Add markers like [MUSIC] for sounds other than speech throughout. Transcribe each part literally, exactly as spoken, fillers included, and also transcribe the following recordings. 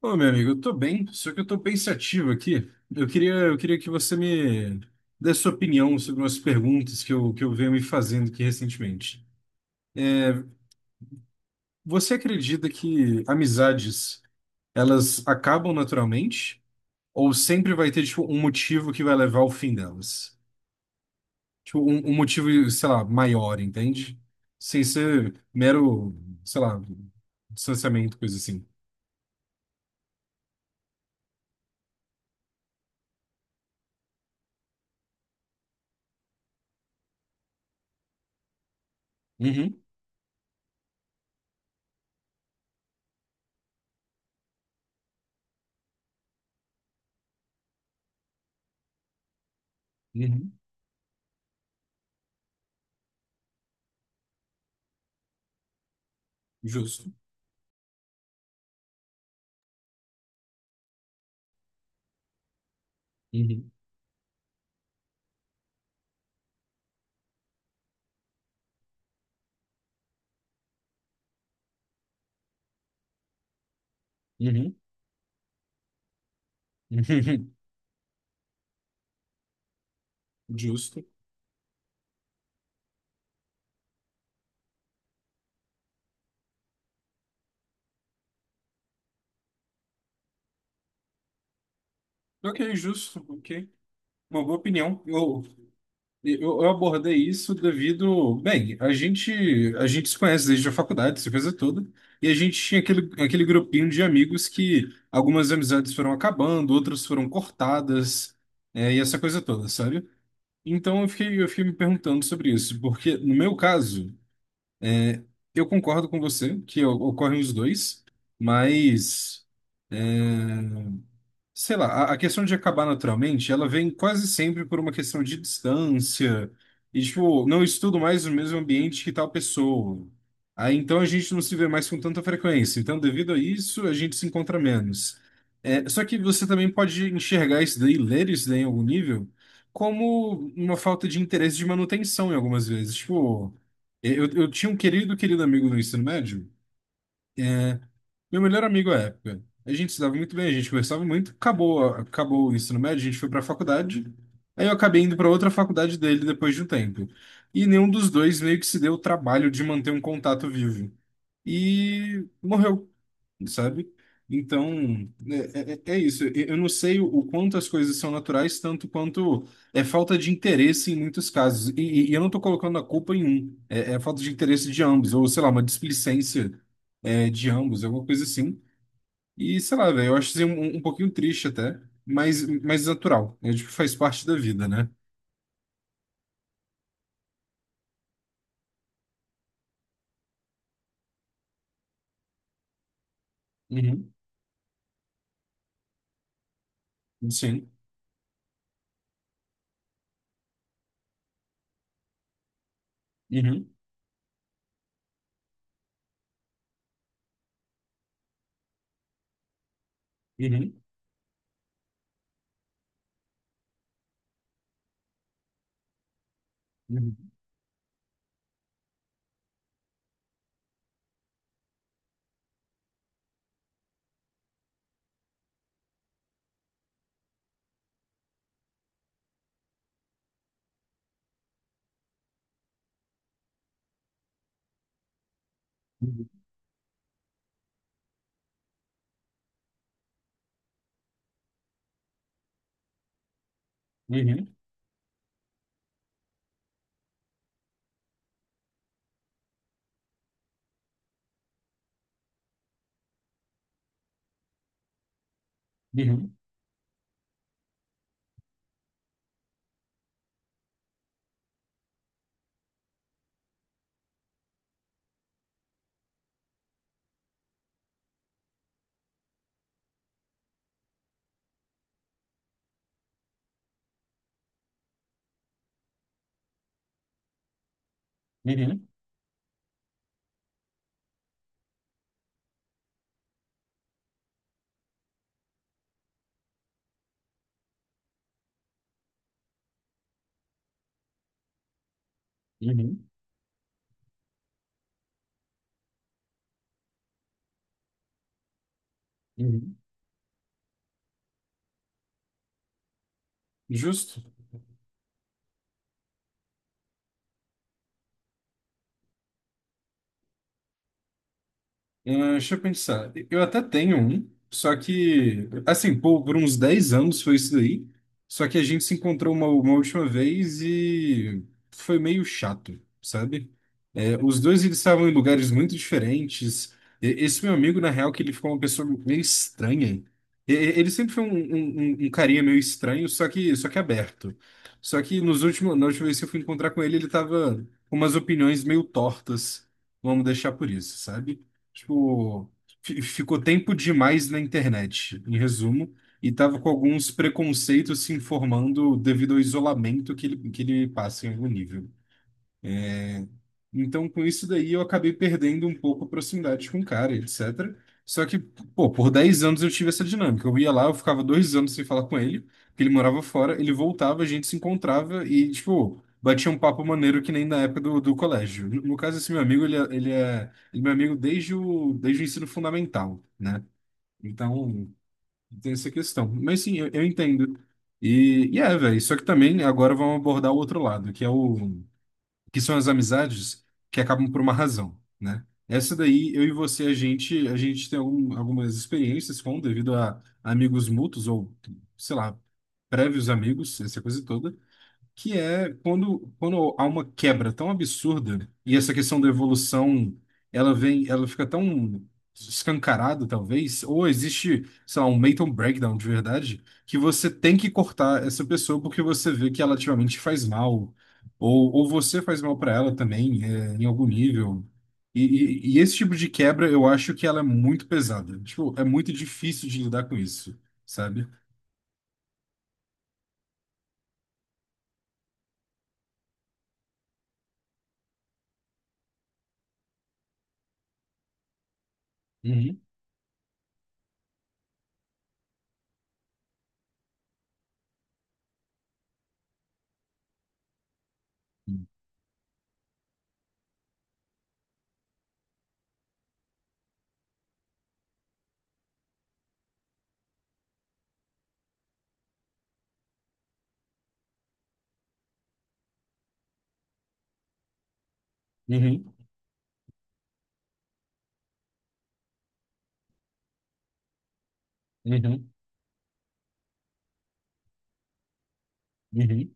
Ô, meu amigo, eu tô bem, só que eu tô pensativo aqui. Eu queria, eu queria que você me desse sua opinião sobre umas perguntas que eu, que eu venho me fazendo aqui recentemente. Você acredita que amizades, elas acabam naturalmente? Ou sempre vai ter, tipo, um motivo que vai levar ao fim delas? Tipo, um, um motivo, sei lá, maior, entende? Sem ser mero, sei lá, distanciamento, coisa assim. Uhum, uhum, justo. Uhum, uhum, [LAUGHS] justo. Ok, justo, ok. Uma boa opinião. Eu, eu, eu abordei isso devido. Bem, a gente, a gente se conhece desde a faculdade, essa coisa toda, e a gente tinha aquele, aquele grupinho de amigos que algumas amizades foram acabando, outras foram cortadas, é, e essa coisa toda, sabe? Então eu fiquei, eu fiquei me perguntando sobre isso, porque no meu caso, eu concordo com você que o- ocorrem os dois, mas. é, sei lá, a, a questão de acabar naturalmente, ela vem quase sempre por uma questão de distância. E, tipo, não estudo mais no mesmo ambiente que tal pessoa. Aí então a gente não se vê mais com tanta frequência. Então, devido a isso, a gente se encontra menos. É, só que você também pode enxergar isso daí, ler isso daí em algum nível, como uma falta de interesse de manutenção em algumas vezes. Tipo, eu, eu tinha um querido, querido amigo no ensino médio. Meu melhor amigo à época. A gente se dava muito bem, a gente conversava muito. Acabou, acabou o ensino médio, a gente foi para a faculdade. Aí eu acabei indo para outra faculdade dele depois de um tempo. E nenhum dos dois meio que se deu o trabalho de manter um contato vivo. E morreu, sabe? Então, é, é, é isso. Eu eu não sei o, o quanto as coisas são naturais, tanto quanto é falta de interesse em muitos casos. E, e- e eu não estou colocando a culpa em um, é, é falta de interesse de ambos, ou sei lá, uma displicência, é, de ambos, alguma coisa assim. E sei lá, velho, eu acho isso um, um um pouquinho triste até, mas, mas natural. Eu acho que faz parte da vida, né? Uhum. Sim. Uhum. Uhum. Uhum. Uhum. Uhum. Uhum. Uhum. Uhum. Justo. Hum, deixa eu pensar. Eu até tenho um, só que, assim, por, por uns dez anos foi isso daí. Só que a gente se encontrou uma, uma última vez e foi meio chato, sabe? É, os dois eles estavam em lugares muito diferentes. E- Esse meu amigo, na real, que ele ficou uma pessoa meio estranha. E- e- Ele sempre foi um, um, um um carinha meio estranho, só que, só que aberto. Só que nos últimos, na última vez que eu fui encontrar com ele, ele tava com umas opiniões meio tortas. Vamos deixar por isso, sabe? Tipo, fi- ficou tempo demais na internet, em resumo, e tava com alguns preconceitos se informando devido ao isolamento que ele, que ele passa em algum nível. Então, com isso daí, eu acabei perdendo um pouco a proximidade com o cara, etcétera. Só que, pô, por dez anos eu tive essa dinâmica. Eu ia lá, eu ficava dois anos sem falar com ele, porque ele morava fora, ele voltava, a gente se encontrava e, tipo, batia um papo maneiro que nem na época do, do colégio. No, no caso, esse meu amigo, ele é, ele é, ele é meu amigo desde o, desde o ensino fundamental, né? Então, tem essa questão. Mas sim, eu, eu entendo. E, e é, velho, só que também agora vamos abordar o outro lado, que é o que são as amizades que acabam por uma razão, né? Essa daí, eu e você, a gente, a gente tem algum- algumas experiências com, devido a amigos mútuos ou, sei lá, prévios amigos, essa coisa toda que é quando, quando há uma quebra tão absurda e essa questão da evolução, ela vem, ela fica tão escancarada, talvez, ou existe, sei lá, um mental breakdown de verdade, que você tem que cortar essa pessoa porque você vê que ela ativamente faz mal, ou, ou você faz mal para ela também, é, em algum nível. E, e, e esse tipo de quebra, eu acho que ela é muito pesada. Tipo, é muito difícil de lidar com isso, sabe? Uhum. Uhum. Uhum. Uhum.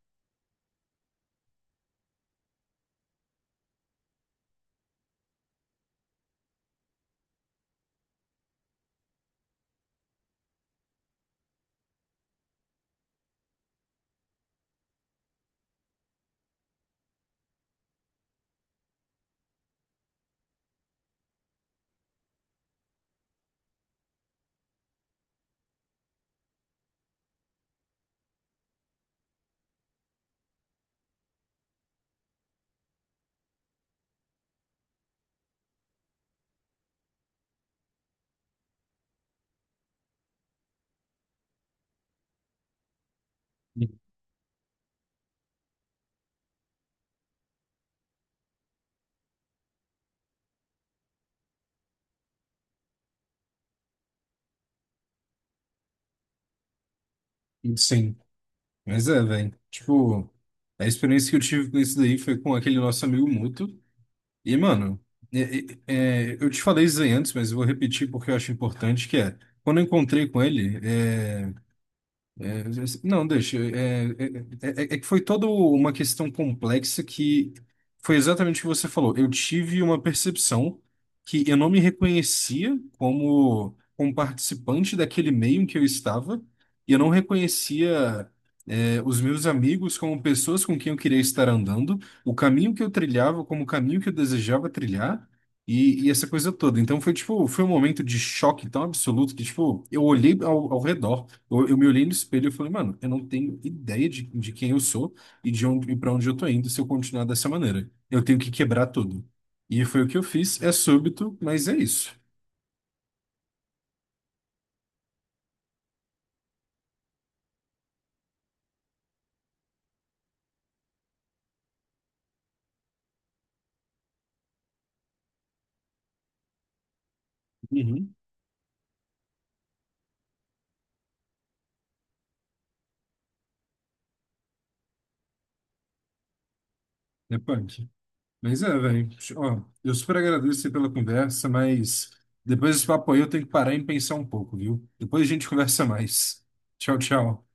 Uhum. Sim, mas é, velho. Tipo, a experiência que eu tive com isso daí foi com aquele nosso amigo mútuo. E, mano, é- é- é, eu te falei isso aí antes, mas eu vou repetir porque eu acho importante, que é, quando eu encontrei com ele, é, é, não, deixa. É, é, é- é é que foi toda uma questão complexa que foi exatamente o que você falou. Eu tive uma percepção que eu não me reconhecia como, como participante daquele meio em que eu estava, e eu não reconhecia, é, os meus amigos como pessoas com quem eu queria estar andando, o caminho que eu trilhava como o caminho que eu desejava trilhar. E, e essa coisa toda. Então foi tipo, foi um momento de choque tão absoluto que, tipo, eu olhei ao ao redor. Eu, eu me olhei no espelho e falei, mano, eu não tenho ideia de, de quem eu sou e de onde, e para onde eu tô indo se eu continuar dessa maneira. Eu tenho que quebrar tudo. E foi o que eu fiz. É súbito, mas é isso. Uhum. É punk. Mas é, velho. Ó, eu super agradeço você pela conversa, mas depois desse papo aí eu tenho que parar e pensar um pouco, viu? Depois a gente conversa mais. Tchau, tchau.